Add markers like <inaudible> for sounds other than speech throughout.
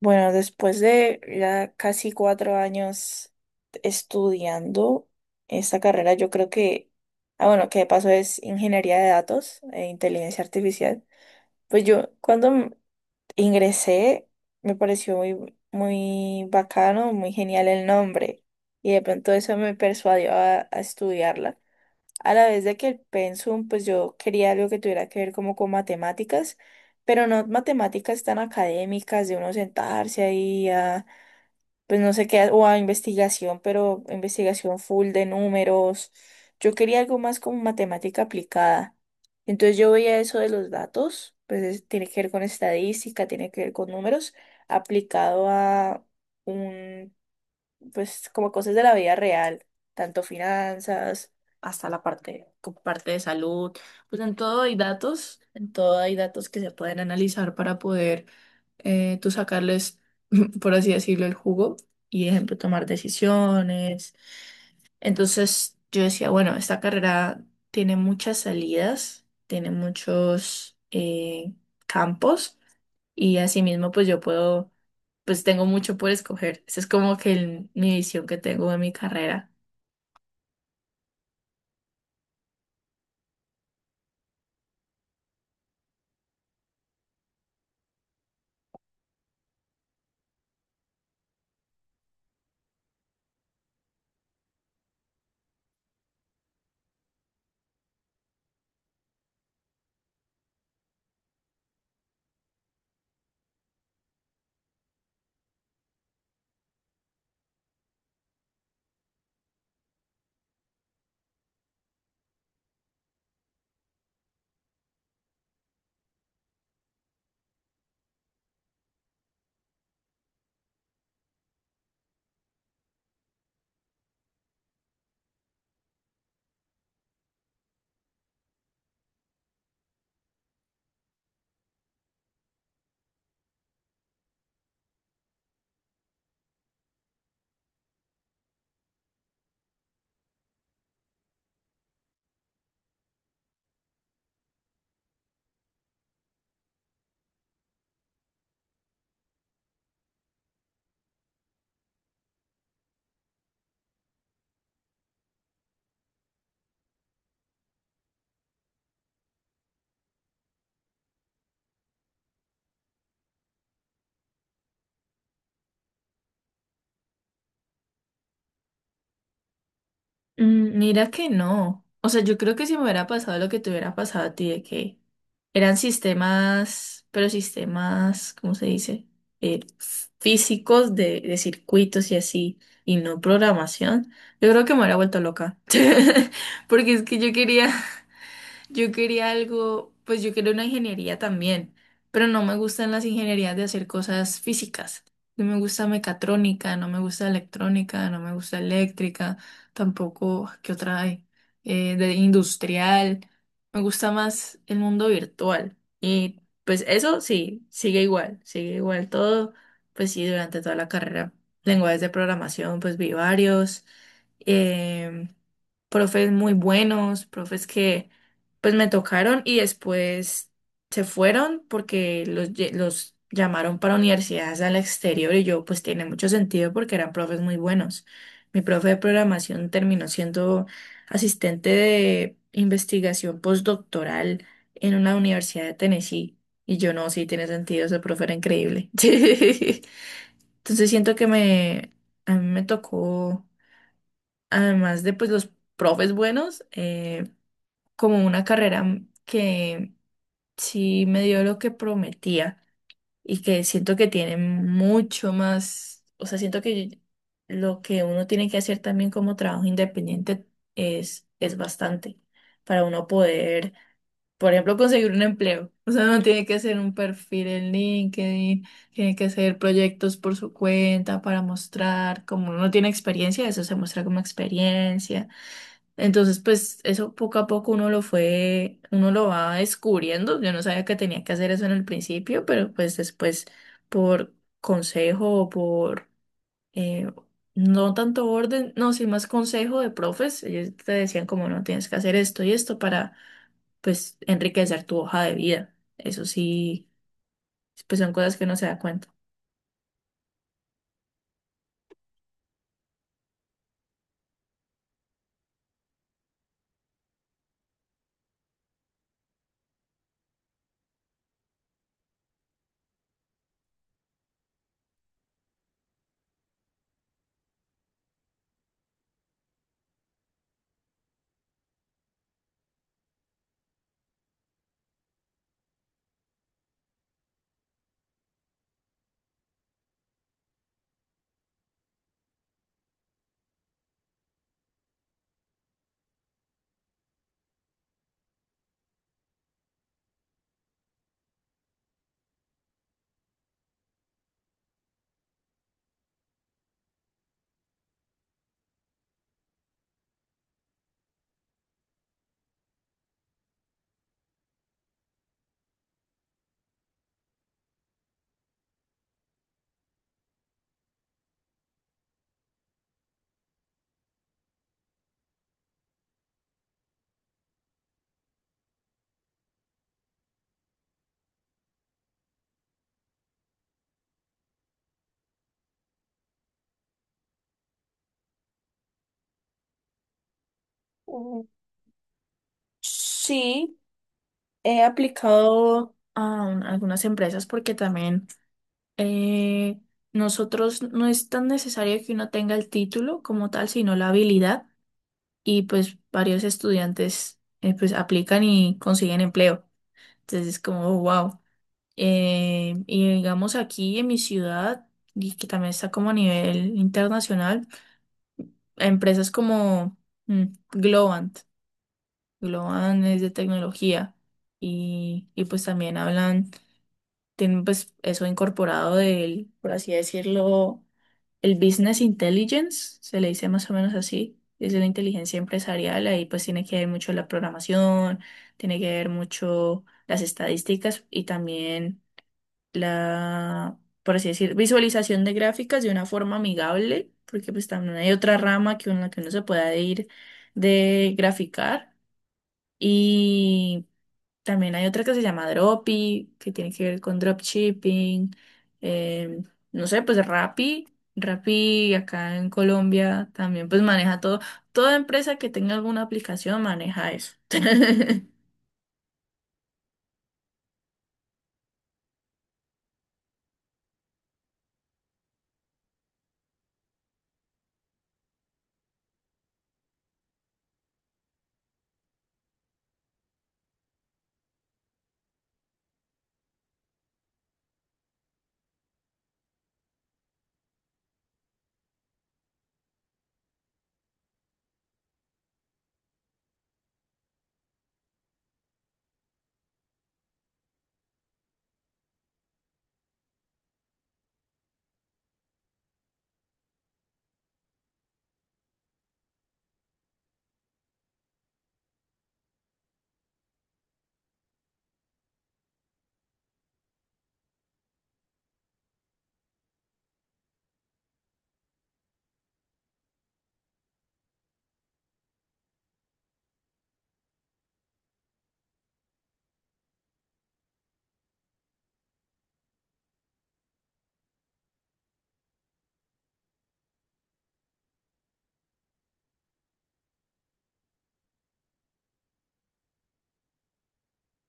Bueno, después de ya casi 4 años estudiando esta carrera, yo creo que, bueno, que de paso es ingeniería de datos e inteligencia artificial. Pues yo ingresé me pareció muy, muy bacano, muy genial el nombre y de pronto eso me persuadió a estudiarla. A la vez de que el pensum, pues yo quería algo que tuviera que ver como con matemáticas, pero no matemáticas tan académicas, de uno sentarse ahí a, pues no sé qué, o a investigación, pero investigación full de números. Yo quería algo más como matemática aplicada. Entonces yo veía eso de los datos, pues tiene que ver con estadística, tiene que ver con números, aplicado a un, pues, como cosas de la vida real, tanto finanzas, hasta la parte, como parte de salud, pues en todo hay datos, en todo hay datos que se pueden analizar para poder, tú sacarles, <laughs> por así decirlo, el jugo y, ejemplo, tomar decisiones. Entonces yo decía, bueno, esta carrera tiene muchas salidas, tiene muchos campos y asimismo pues yo puedo, pues tengo mucho por escoger. Esa es como que mi visión que tengo de mi carrera. Mira que no. O sea, yo creo que si me hubiera pasado lo que te hubiera pasado a ti, de que eran sistemas, pero sistemas, ¿cómo se dice? Físicos de circuitos y así, y no programación, yo creo que me hubiera vuelto loca. <laughs> Porque es que yo quería algo, pues yo quería una ingeniería también, pero no me gustan las ingenierías de hacer cosas físicas. No me gusta mecatrónica, no me gusta electrónica, no me gusta eléctrica, tampoco, ¿qué otra hay? De industrial. Me gusta más el mundo virtual. Y pues eso sí, sigue igual todo. Pues sí, durante toda la carrera. Lenguajes de programación, pues vi varios. em, Profes muy buenos, profes que pues me tocaron y después se fueron porque los llamaron para universidades al exterior y yo, pues, tiene mucho sentido porque eran profes muy buenos. Mi profe de programación terminó siendo asistente de investigación postdoctoral en una universidad de Tennessee y yo no, sí tiene sentido, ese profe era increíble. <laughs> Entonces siento que me, a mí me tocó, además de pues los profes buenos, como una carrera que sí me dio lo que prometía y que siento que tiene mucho más, o sea, siento que lo que uno tiene que hacer también como trabajo independiente es bastante para uno poder, por ejemplo, conseguir un empleo. O sea, uno tiene que hacer un perfil en LinkedIn, tiene que hacer proyectos por su cuenta para mostrar, como uno tiene experiencia, eso se muestra como experiencia. Entonces, pues eso poco a poco uno lo fue, uno lo va descubriendo. Yo no sabía que tenía que hacer eso en el principio, pero pues después por consejo o por, eh, no tanto orden, no, sí más consejo de profes, ellos te decían como no tienes que hacer esto y esto para pues enriquecer tu hoja de vida. Eso sí, pues son cosas que uno se da cuenta. Mm, sí, he aplicado a algunas empresas porque también, eh, nosotros no es tan necesario que uno tenga el título como tal, sino la habilidad y pues varios estudiantes, pues aplican y consiguen empleo. Entonces es como, wow. Y digamos aquí en mi ciudad, y que también está como a nivel internacional, empresas como, mm, Globant. Globant es de tecnología y pues también hablan, tienen pues eso incorporado del, por así decirlo, el business intelligence, se le dice más o menos así, es la inteligencia empresarial, ahí pues tiene que ver mucho la programación, tiene que ver mucho las estadísticas y también la, por así decir, visualización de gráficas de una forma amigable, porque pues también hay otra rama que uno se pueda ir de graficar. Y también hay otra que se llama Dropi, que tiene que ver con dropshipping. em, no sé, pues Rappi. Rappi acá en Colombia también pues maneja todo. Toda empresa que tenga alguna aplicación maneja eso. <laughs>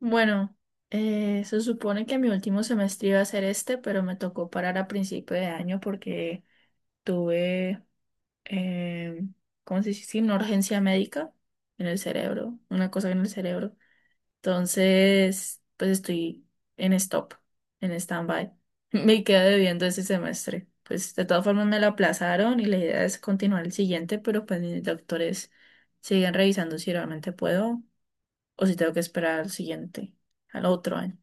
Bueno, se supone que mi último semestre iba a ser este, pero me tocó parar a principio de año porque tuve, em, ¿cómo se dice? Sí, una urgencia médica en el cerebro, una cosa en el cerebro. Entonces, pues estoy en stop, en stand-by. <laughs> Me queda debiendo ese semestre. Pues de todas formas me lo aplazaron y la idea es continuar el siguiente, pero pues mis doctores siguen revisando si realmente puedo o si tengo que esperar al siguiente, al otro año.